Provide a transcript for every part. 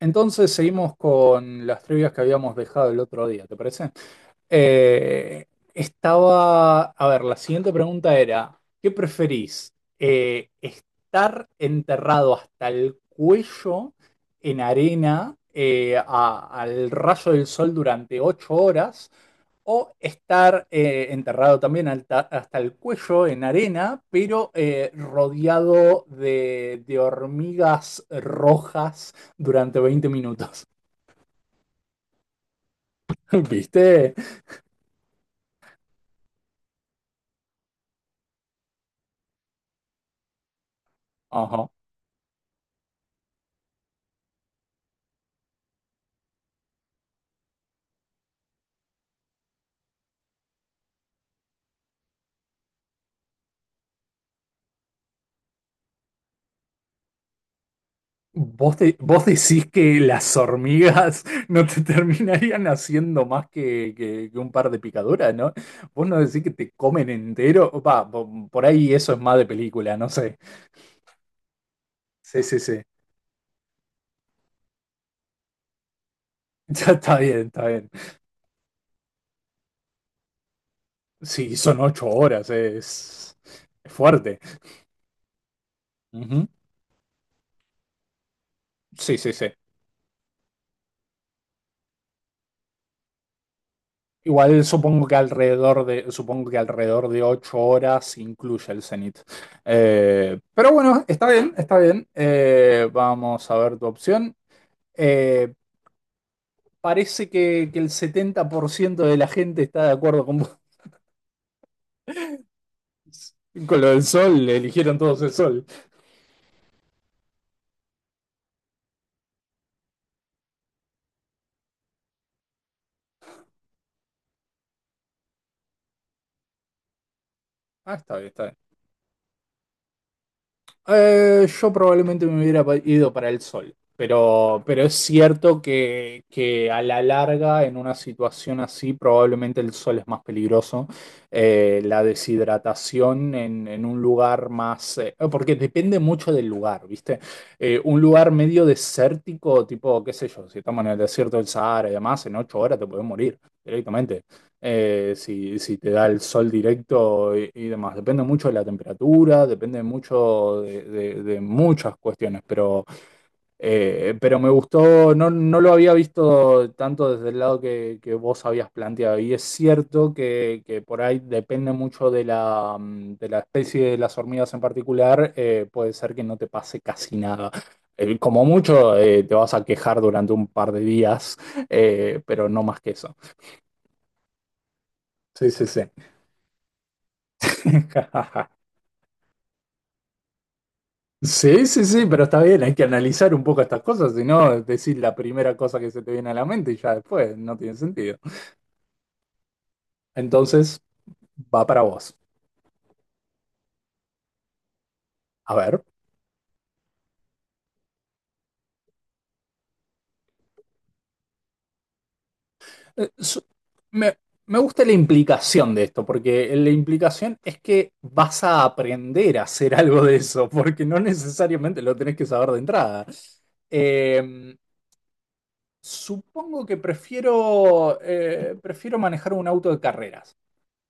Entonces seguimos con las trivias que habíamos dejado el otro día, ¿te parece? Eh, Estaba, a ver, la siguiente pregunta era, ¿qué preferís? ¿Estar enterrado hasta el cuello en arena al rayo del sol durante 8 horas o estar enterrado también hasta el cuello en arena, pero rodeado de hormigas rojas durante 20 minutos? ¿Viste? Ajá. ¿Vos, vos decís que las hormigas no te terminarían haciendo más que un par de picaduras, ¿no? Vos no decís que te comen entero. Va, por ahí eso es más de película, no sé. Sí, sí, sí. Ya está bien, está bien. Sí, son 8 horas, es fuerte. Ujú. Sí, sí, sí. Igual supongo que alrededor de 8 horas incluye el cenit. Pero bueno, está bien, está bien. Vamos a ver tu opción. Eh, Parece que el 70% de la gente está de acuerdo con vos. Con lo del sol, eligieron todos el sol. Ah, está bien, está bien. Yo probablemente me hubiera ido para el sol, pero es cierto que a la larga, en una situación así, probablemente el sol es más peligroso. La deshidratación en un lugar más ah, porque depende mucho del lugar, ¿viste? Un lugar medio desértico, tipo, qué sé yo, si estamos en el desierto del Sahara y demás, en 8 horas te puedes morir directamente si te da el sol directo y demás. Depende mucho de la temperatura, depende mucho de muchas cuestiones, pero me gustó, no, no lo había visto tanto desde el lado que vos habías planteado. Y es cierto que por ahí depende mucho de de la especie de las hormigas en particular, puede ser que no te pase casi nada. Como mucho, te vas a quejar durante un par de días, pero no más que eso. Sí, sí, sí. Sí, sí, sí, pero está bien, hay que analizar un poco estas cosas, si no, decir la primera cosa que se te viene a la mente y ya después no tiene sentido. Entonces, va para vos. A ver, eh, su- me, me gusta la implicación de esto, porque la implicación es que vas a aprender a hacer algo de eso, porque no necesariamente lo tenés que saber de entrada. Eh, Supongo que prefiero manejar un auto de carreras.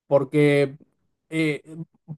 Porque eh,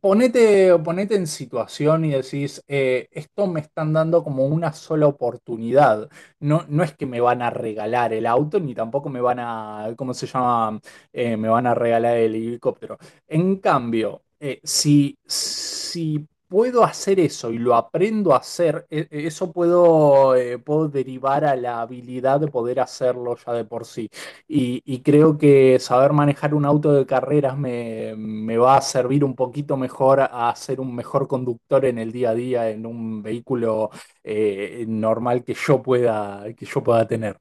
ponete en situación y decís, esto me están dando como una sola oportunidad. No, no es que me van a regalar el auto, ni tampoco me van a, ¿cómo se llama? Me van a regalar el helicóptero. En cambio, si puedo hacer eso y lo aprendo a hacer, eso puedo derivar a la habilidad de poder hacerlo ya de por sí. Y creo que saber manejar un auto de carreras me va a servir un poquito mejor a ser un mejor conductor en el día a día, en un vehículo normal que yo pueda tener.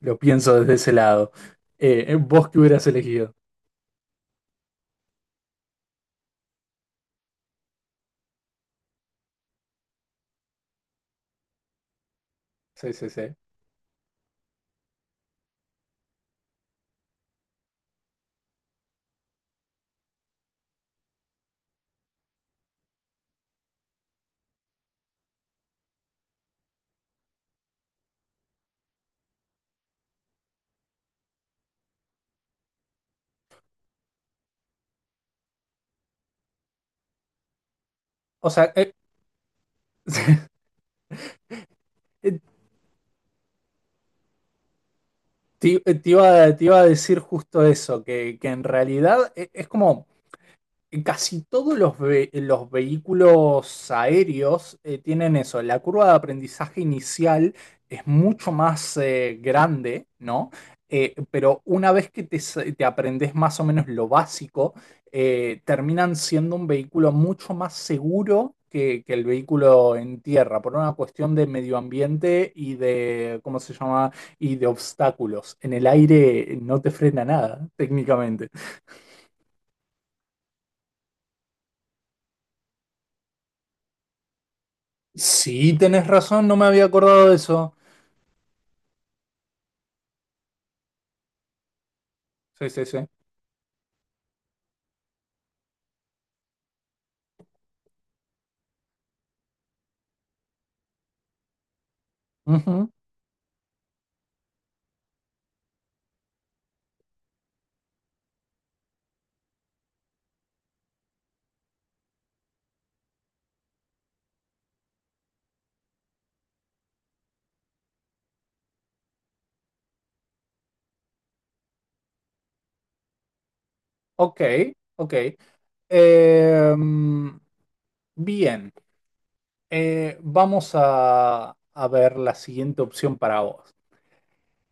Lo pienso desde ese lado. ¿Vos qué hubieras elegido? Sí, sí, sí. O sea, te iba a decir justo eso, que en realidad es como. Casi todos los vehículos aéreos tienen eso. La curva de aprendizaje inicial es mucho más grande, ¿no? Pero una vez que te aprendes más o menos lo básico, terminan siendo un vehículo mucho más seguro que el vehículo en tierra, por una cuestión de medio ambiente y de, ¿cómo se llama? Y de obstáculos. En el aire no te frena nada, técnicamente. Sí, tenés razón, no me había acordado de eso. Sí, sí, sí. Ujú. Ok, ok. Em, Bien. Vamos a ver la siguiente opción para vos.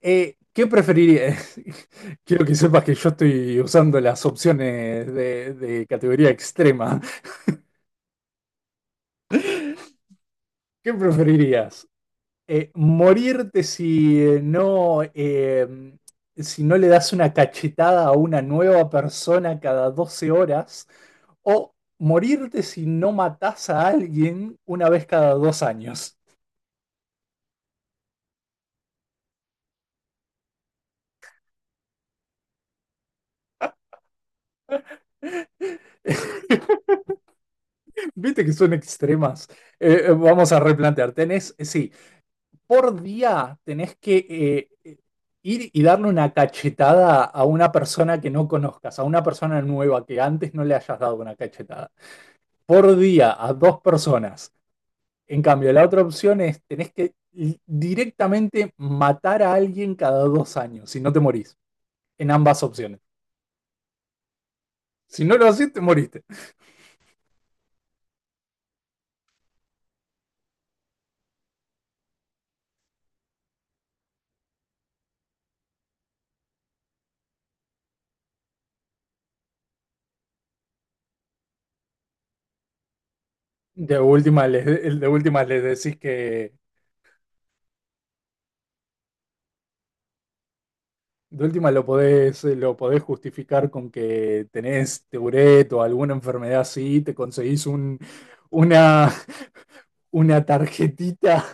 ¿Qué preferirías? Quiero que sepas que yo estoy usando las opciones de categoría extrema. ¿Qué preferirías? Morirte si si no le das una cachetada a una nueva persona cada 12 horas, o morirte si no matas a alguien una vez cada 2 años. Viste que son extremas. Vamos a replantear. Sí, por día tenés que ir y darle una cachetada a una persona que no conozcas, a una persona nueva que antes no le hayas dado una cachetada. Por día a dos personas. En cambio, la otra opción es tenés que directamente matar a alguien cada 2 años, si no te morís, en ambas opciones. Si no lo haces, te moriste. De última les decís que, de última lo podés justificar con que tenés Tourette o alguna enfermedad así, te conseguís una, una tarjetita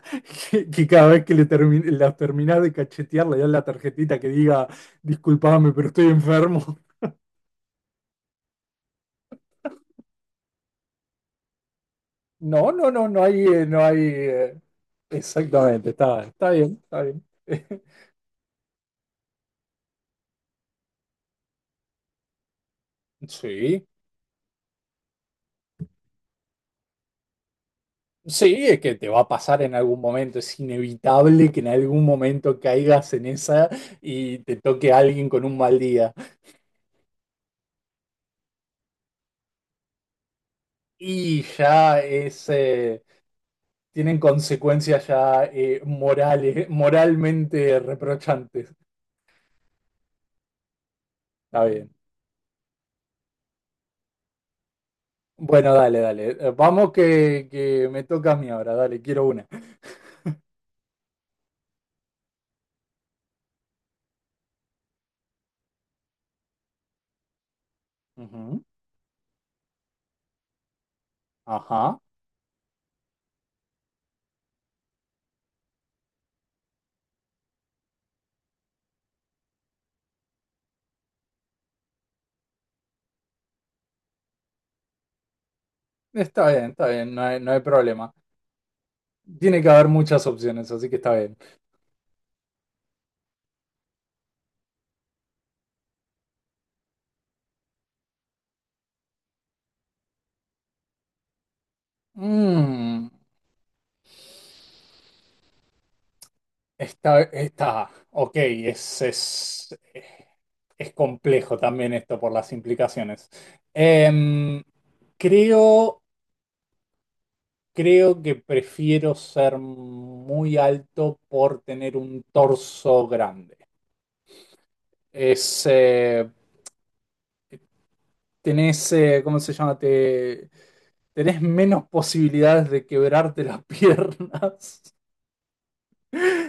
que cada vez que la terminás de cachetear, le das la tarjetita que diga, disculpame, pero estoy enfermo. No, no, no, no hay, no hay. Exactamente, está bien, está bien. Sí, sí, es que te va a pasar en algún momento, es inevitable que en algún momento caigas en esa y te toque alguien con un mal día. Y ya es, eh, Tienen consecuencias ya morales, moralmente reprochantes. Está bien. Bueno, dale, dale. Vamos que me toca a mí ahora, dale, quiero una. Ujú. Ajá. Está bien, no hay problema. Tiene que haber muchas opciones, así que está bien. Mm, está, está, ok, Es complejo también esto por las implicaciones. Em, creo, Creo que prefiero ser muy alto por tener un torso grande. Es, eh, ¿Cómo se llama? Tenés menos posibilidades de quebrarte las piernas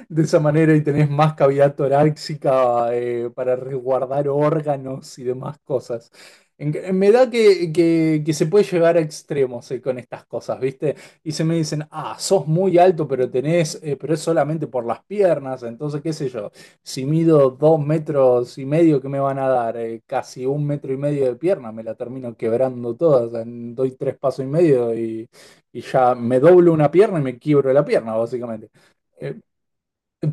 de esa manera y tenés más cavidad torácica para resguardar órganos y demás cosas. Me da que se puede llegar a extremos con estas cosas, ¿viste? Y se me dicen, ah, sos muy alto, pero es solamente por las piernas, entonces qué sé yo, si mido 2,5 metros, ¿qué me van a dar? Casi 1,5 metros de pierna, me la termino quebrando toda, o sea, doy tres pasos y medio y ya me doblo una pierna y me quiebro la pierna, básicamente. Eh,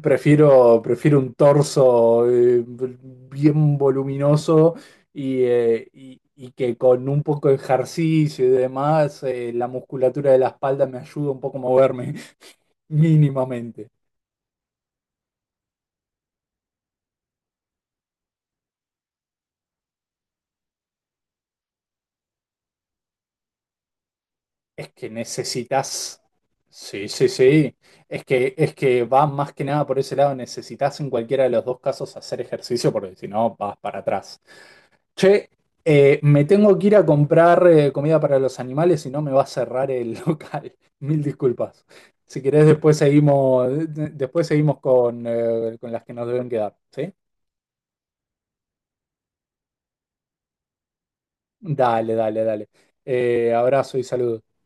prefiero un torso bien voluminoso y que con un poco de ejercicio y demás, la musculatura de la espalda me ayuda un poco a moverme mínimamente. Es que necesitas, sí, sí, sí, es que va más que nada por ese lado, necesitas en cualquiera de los dos casos hacer ejercicio porque si no vas para atrás. Che, me tengo que ir a comprar comida para los animales, si no me va a cerrar el local. Mil disculpas. Si querés, después seguimos con las que nos deben quedar, ¿sí? Dale, dale, dale. Abrazo y saludos.